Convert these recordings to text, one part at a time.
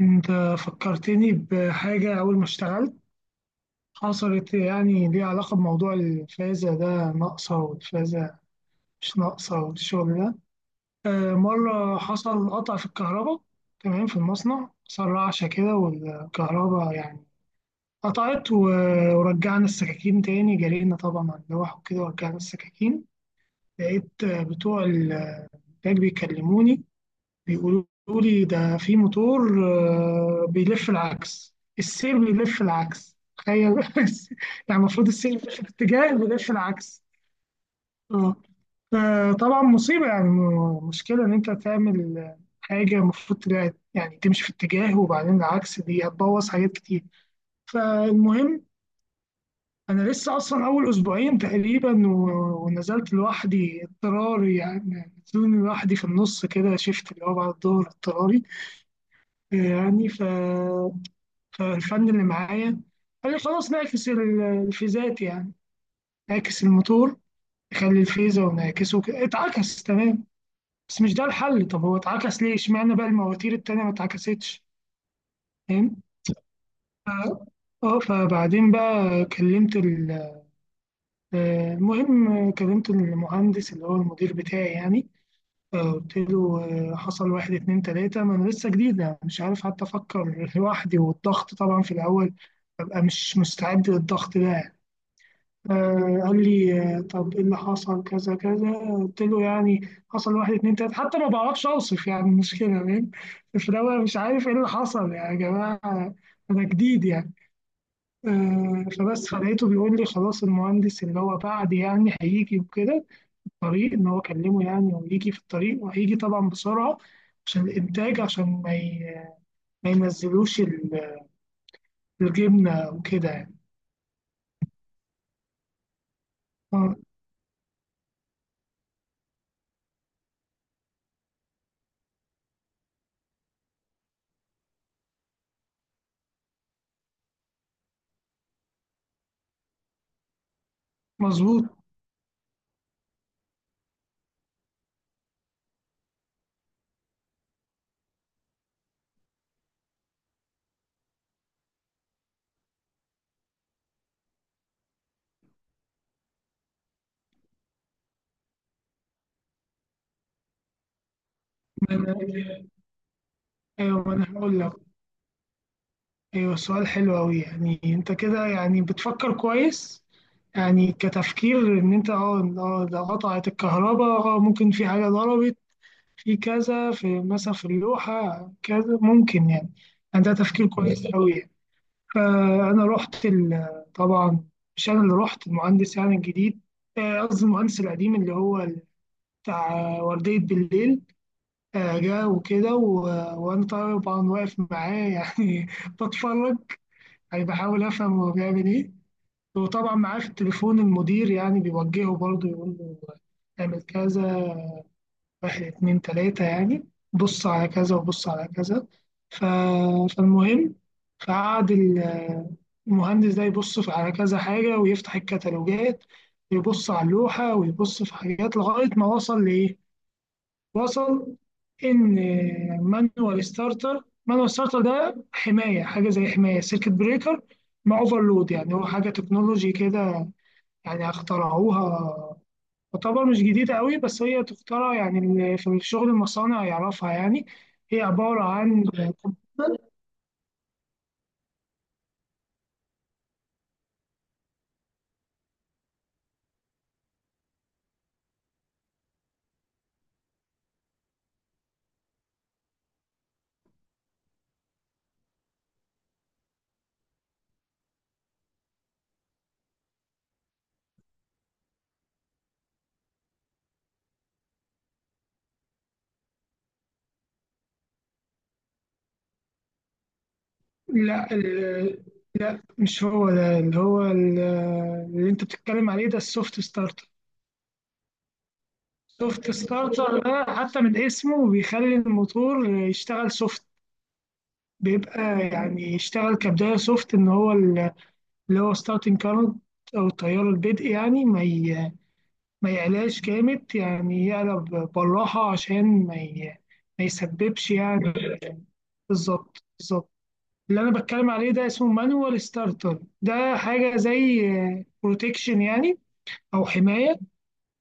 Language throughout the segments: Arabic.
انت فكرتني بحاجة أول ما اشتغلت حصلت ليها علاقة بموضوع الفازة ده ناقصة والفازة مش ناقصة والشغل ده. مرة حصل قطع في الكهرباء، تمام، في المصنع حصل رعشة كده والكهرباء قطعت و- ورجعنا السكاكين تاني، جرينا طبعا على اللوح وكده ورجعنا السكاكين. لقيت بتوع الإنتاج بيكلموني، بيقولوا لي ده في موتور بيلف العكس، السير بيلف العكس، تخيل يعني المفروض السير بيلف الاتجاه، بيلف العكس. اه، فطبعا مصيبة، مشكلة إن أنت تعمل حاجة المفروض تبقى يعني تمشي في اتجاه وبعدين العكس، دي هتبوظ حاجات كتير. فالمهم، أنا لسه أصلا أول أسبوعين تقريبا ونزلت لوحدي اضطراري، يعني نزلوني لوحدي في النص كده، شفت؟ اللي هو بعد الظهر اضطراري يعني. فالفن اللي معايا قال لي خلاص نعكس الفيزات يعني، نعكس الموتور، نخلي الفيزة ونعكسه كده. اتعكس تمام، بس مش ده الحل. طب هو اتعكس ليه؟ اشمعنى بقى المواتير التانية ما اتعكستش؟ فاهم؟ ف- اه فبعدين بقى كلمت المهم كلمت المهندس اللي هو المدير بتاعي يعني. قلت له حصل واحد اتنين تلاتة، ما أنا لسه جديدة، مش عارف حتى أفكر لوحدي، والضغط طبعا في الأول ببقى مش مستعد للضغط ده يعني. آه، قال لي طب إيه اللي حصل؟ كذا كذا. قلت له يعني حصل واحد اتنين تلاتة، حتى ما بعرفش أوصف يعني المشكلة، فاهم؟ في الأول مش عارف إيه اللي حصل يعني، يا جماعة أنا جديد يعني. فبس فلقيته بيقول لي خلاص المهندس اللي هو بعد يعني هيجي وكده، الطريق إن هو كلمه يعني ويجي في الطريق، وهيجي طبعا بسرعة عشان الإنتاج، عشان ما ينزلوش الجبنة وكده يعني. آه، مظبوط. ما أنا- أيوه، ما أنا هقول لك. أيوه، سؤال حلو أوي، يعني أنت كده يعني بتفكر كويس، يعني كتفكير إن أنت أه آه، ده قطعت الكهرباء، ممكن في حاجة ضربت في كذا، في مثلا في اللوحة كذا ممكن يعني. يعني ده تفكير كويس أوي يعني. فأنا رحت طبعا مش أنا اللي رحت المهندس يعني الجديد، قصدي المهندس القديم اللي هو بتاع وردية بالليل. جه وكده وأنا طبعا واقف معاه يعني بتفرج، يعني بحاول أفهم هو بيعمل إيه. وطبعا معاه في التليفون المدير يعني بيوجهه برضه، يقول له اعمل كذا واحد اتنين تلاتة يعني، بص على كذا وبص على كذا. ف... فالمهم، فقعد ال- المهندس ده يبص على كذا حاجة، ويفتح الكتالوجات، ويبص على اللوحة، ويبص في حاجات، لغاية ما وصل لإيه؟ وصل إن مانوال ستارتر، مانوال ستارتر ده حماية، حاجة زي حماية سيركت بريكر مع اوفرلود، يعني هو حاجة تكنولوجي كده يعني، اخترعوها، تعتبر مش جديدة قوي بس هي تخترع يعني، في شغل المصانع يعرفها يعني، هي عبارة عن كمبيوتر. لا ال- لا، مش هو ده، اللي هو اللي انت بتتكلم عليه ده السوفت ستارتر. السوفت ستارتر ده حتى من اسمه بيخلي الموتور يشتغل سوفت، بيبقى يعني يشتغل كبداية سوفت، ان هو اللي هو ستارتنج كارنت او التيار البدء، يعني ما يقلقش جامد يعني، يقلب بالراحة عشان ما يسببش يعني. بالظبط، بالظبط. اللي أنا بتكلم عليه ده اسمه مانوال ستارتر، ده حاجة زي بروتكشن يعني، أو حماية،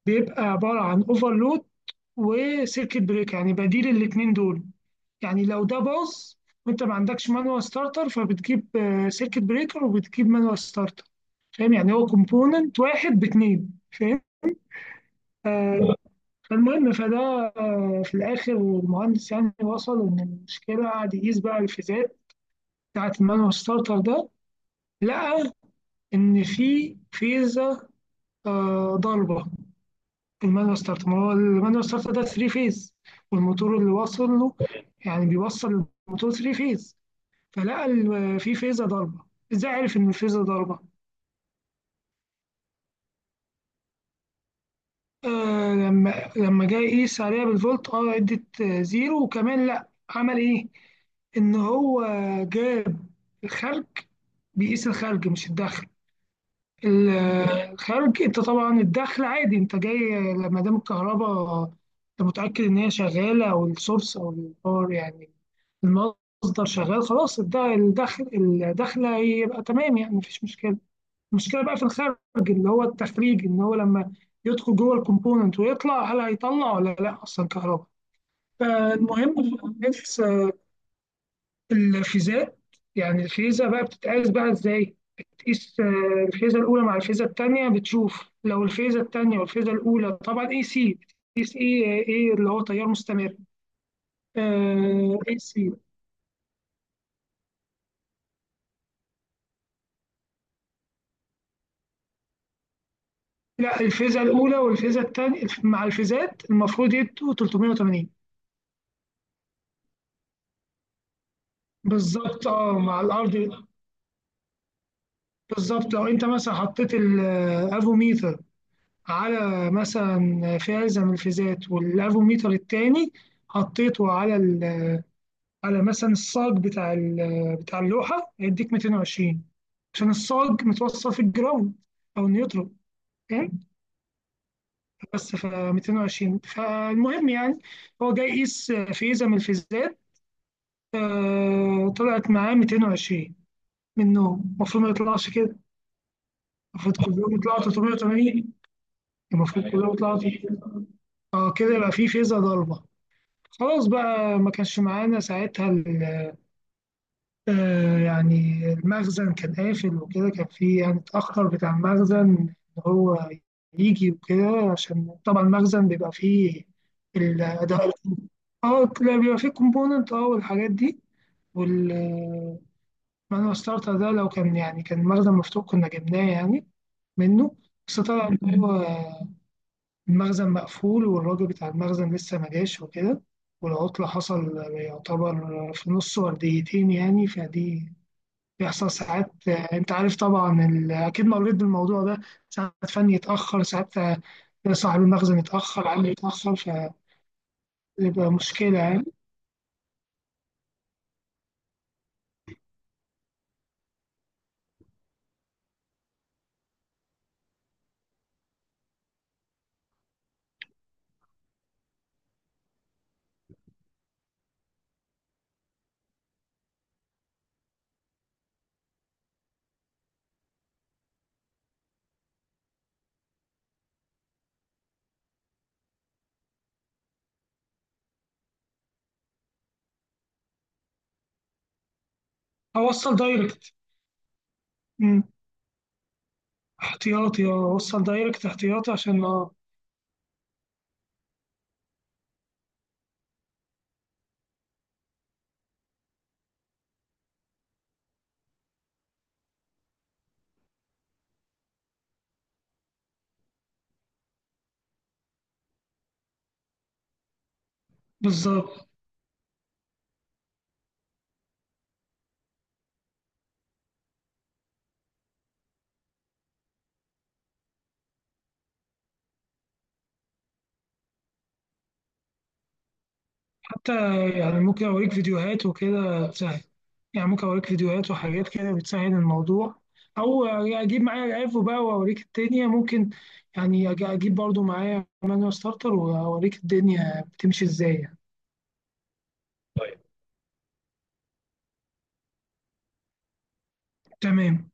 بيبقى عبارة عن اوفرلود وسيركت بريك، يعني بديل الاتنين دول، يعني لو ده باظ وانت ما عندكش مانوال ستارتر، فبتجيب سيركت بريكر وبتجيب مانوال ستارتر، فاهم؟ يعني هو كومبوننت واحد باتنين، فاهم؟ آه، فالمهم، فده في الآخر المهندس يعني وصل إن المشكلة، قعد يقيس بقى الفيزات بتاعة المانوال ستارتر ده، لقى إن في فيزة ضاربة. المانوال ستارتر، ما هو المانوال ستارتر ده 3 فيز، والموتور اللي واصل له يعني بيوصل الموتور 3 فيز، في فيزة ضاربة. إزاي عرف إن الفيزة ضاربة؟ آه، لما جه يقيس عليها بالفولت، اه، ادت زيرو. وكمان لا، عمل ايه؟ إن هو جاب الخارج، بيقيس الخارج مش الدخل. ال- الخارج، أنت طبعا الدخل عادي، أنت جاي لما دام الكهرباء، أنت متأكد إن هي شغالة، أو السورس أو الباور يعني المصدر شغال، خلاص ده الدخل، الدخل هيبقى تمام يعني، مفيش مشكلة. المشكلة بقى في الخارج، اللي هو التخريج، إن هو لما يدخل جوه الكومبوننت ويطلع، هل هيطلع ولا لا أصلا كهرباء. فالمهم في الناس الفيزات، يعني الفيزة بقى بتتقاس بقى ازاي؟ بتقيس الفيزة الأولى مع الفيزة التانية، بتشوف لو الفيزة التانية والفيزة الأولى، طبعا اي سي، بتقيس ايه اللي هو تيار مستمر اي سي. لا، الفيزة الأولى والفيزة التانية مع الفيزات المفروض يدوا 380. بالظبط، اه، مع الأرض. بالظبط، لو أنت مثلا حطيت الأفوميتر على مثلا فازة من الفيزات، والأفوميتر التاني حطيته على ال، على مثلا الصاج بتاع بتاع اللوحه، هيديك 220، عشان الصاج متوصل في الجراوند او النيوترون، فاهم؟ بس ف 220. فالمهم يعني، هو جاي يقيس فيزا من الفيزات، طلعت معاه 220 منهم، المفروض ما يطلعش كده، المفروض كلهم يطلعوا 380، المفروض كلهم يطلعوا 380. اه كده يبقى في فيزا ضربه. خلاص بقى، ما كانش معانا ساعتها يعني المخزن كان قافل وكده، كان في يعني اتأخر بتاع المخزن إن هو يجي وكده، عشان طبعا المخزن بيبقى فيه الأداء، اه لا، بيبقى فيه كومبوننت اه والحاجات دي. وال مانوال ستارتر ده لو كان يعني كان المخزن مفتوح كنا جبناه يعني منه، بس طبعا إن هو المخزن مقفول، والراجل بتاع المخزن لسه ما جاش وكده، والعطلة حصل يعتبر في نص ورديتين يعني، فدي بيحصل ساعات، انت عارف طبعا اكيد مريت بالموضوع ده، ساعات فني يتاخر، ساعات آه، صاحب المخزن يتاخر، عمي يتاخر، فبيبقى مشكله يعني. اوصل دايركت. مم. احتياطي، اه اوصل دايركت احتياطي عشان اه بالظبط. حتى يعني ممكن اوريك فيديوهات وكده تسهل، يعني ممكن اوريك فيديوهات وحاجات كده بتسهل الموضوع، او يعني اجيب معايا العفو بقى واوريك الدنيا ممكن، يعني اجيب برضو معايا مانوال ستارتر واوريك الدنيا بتمشي ازاي يعني. تمام.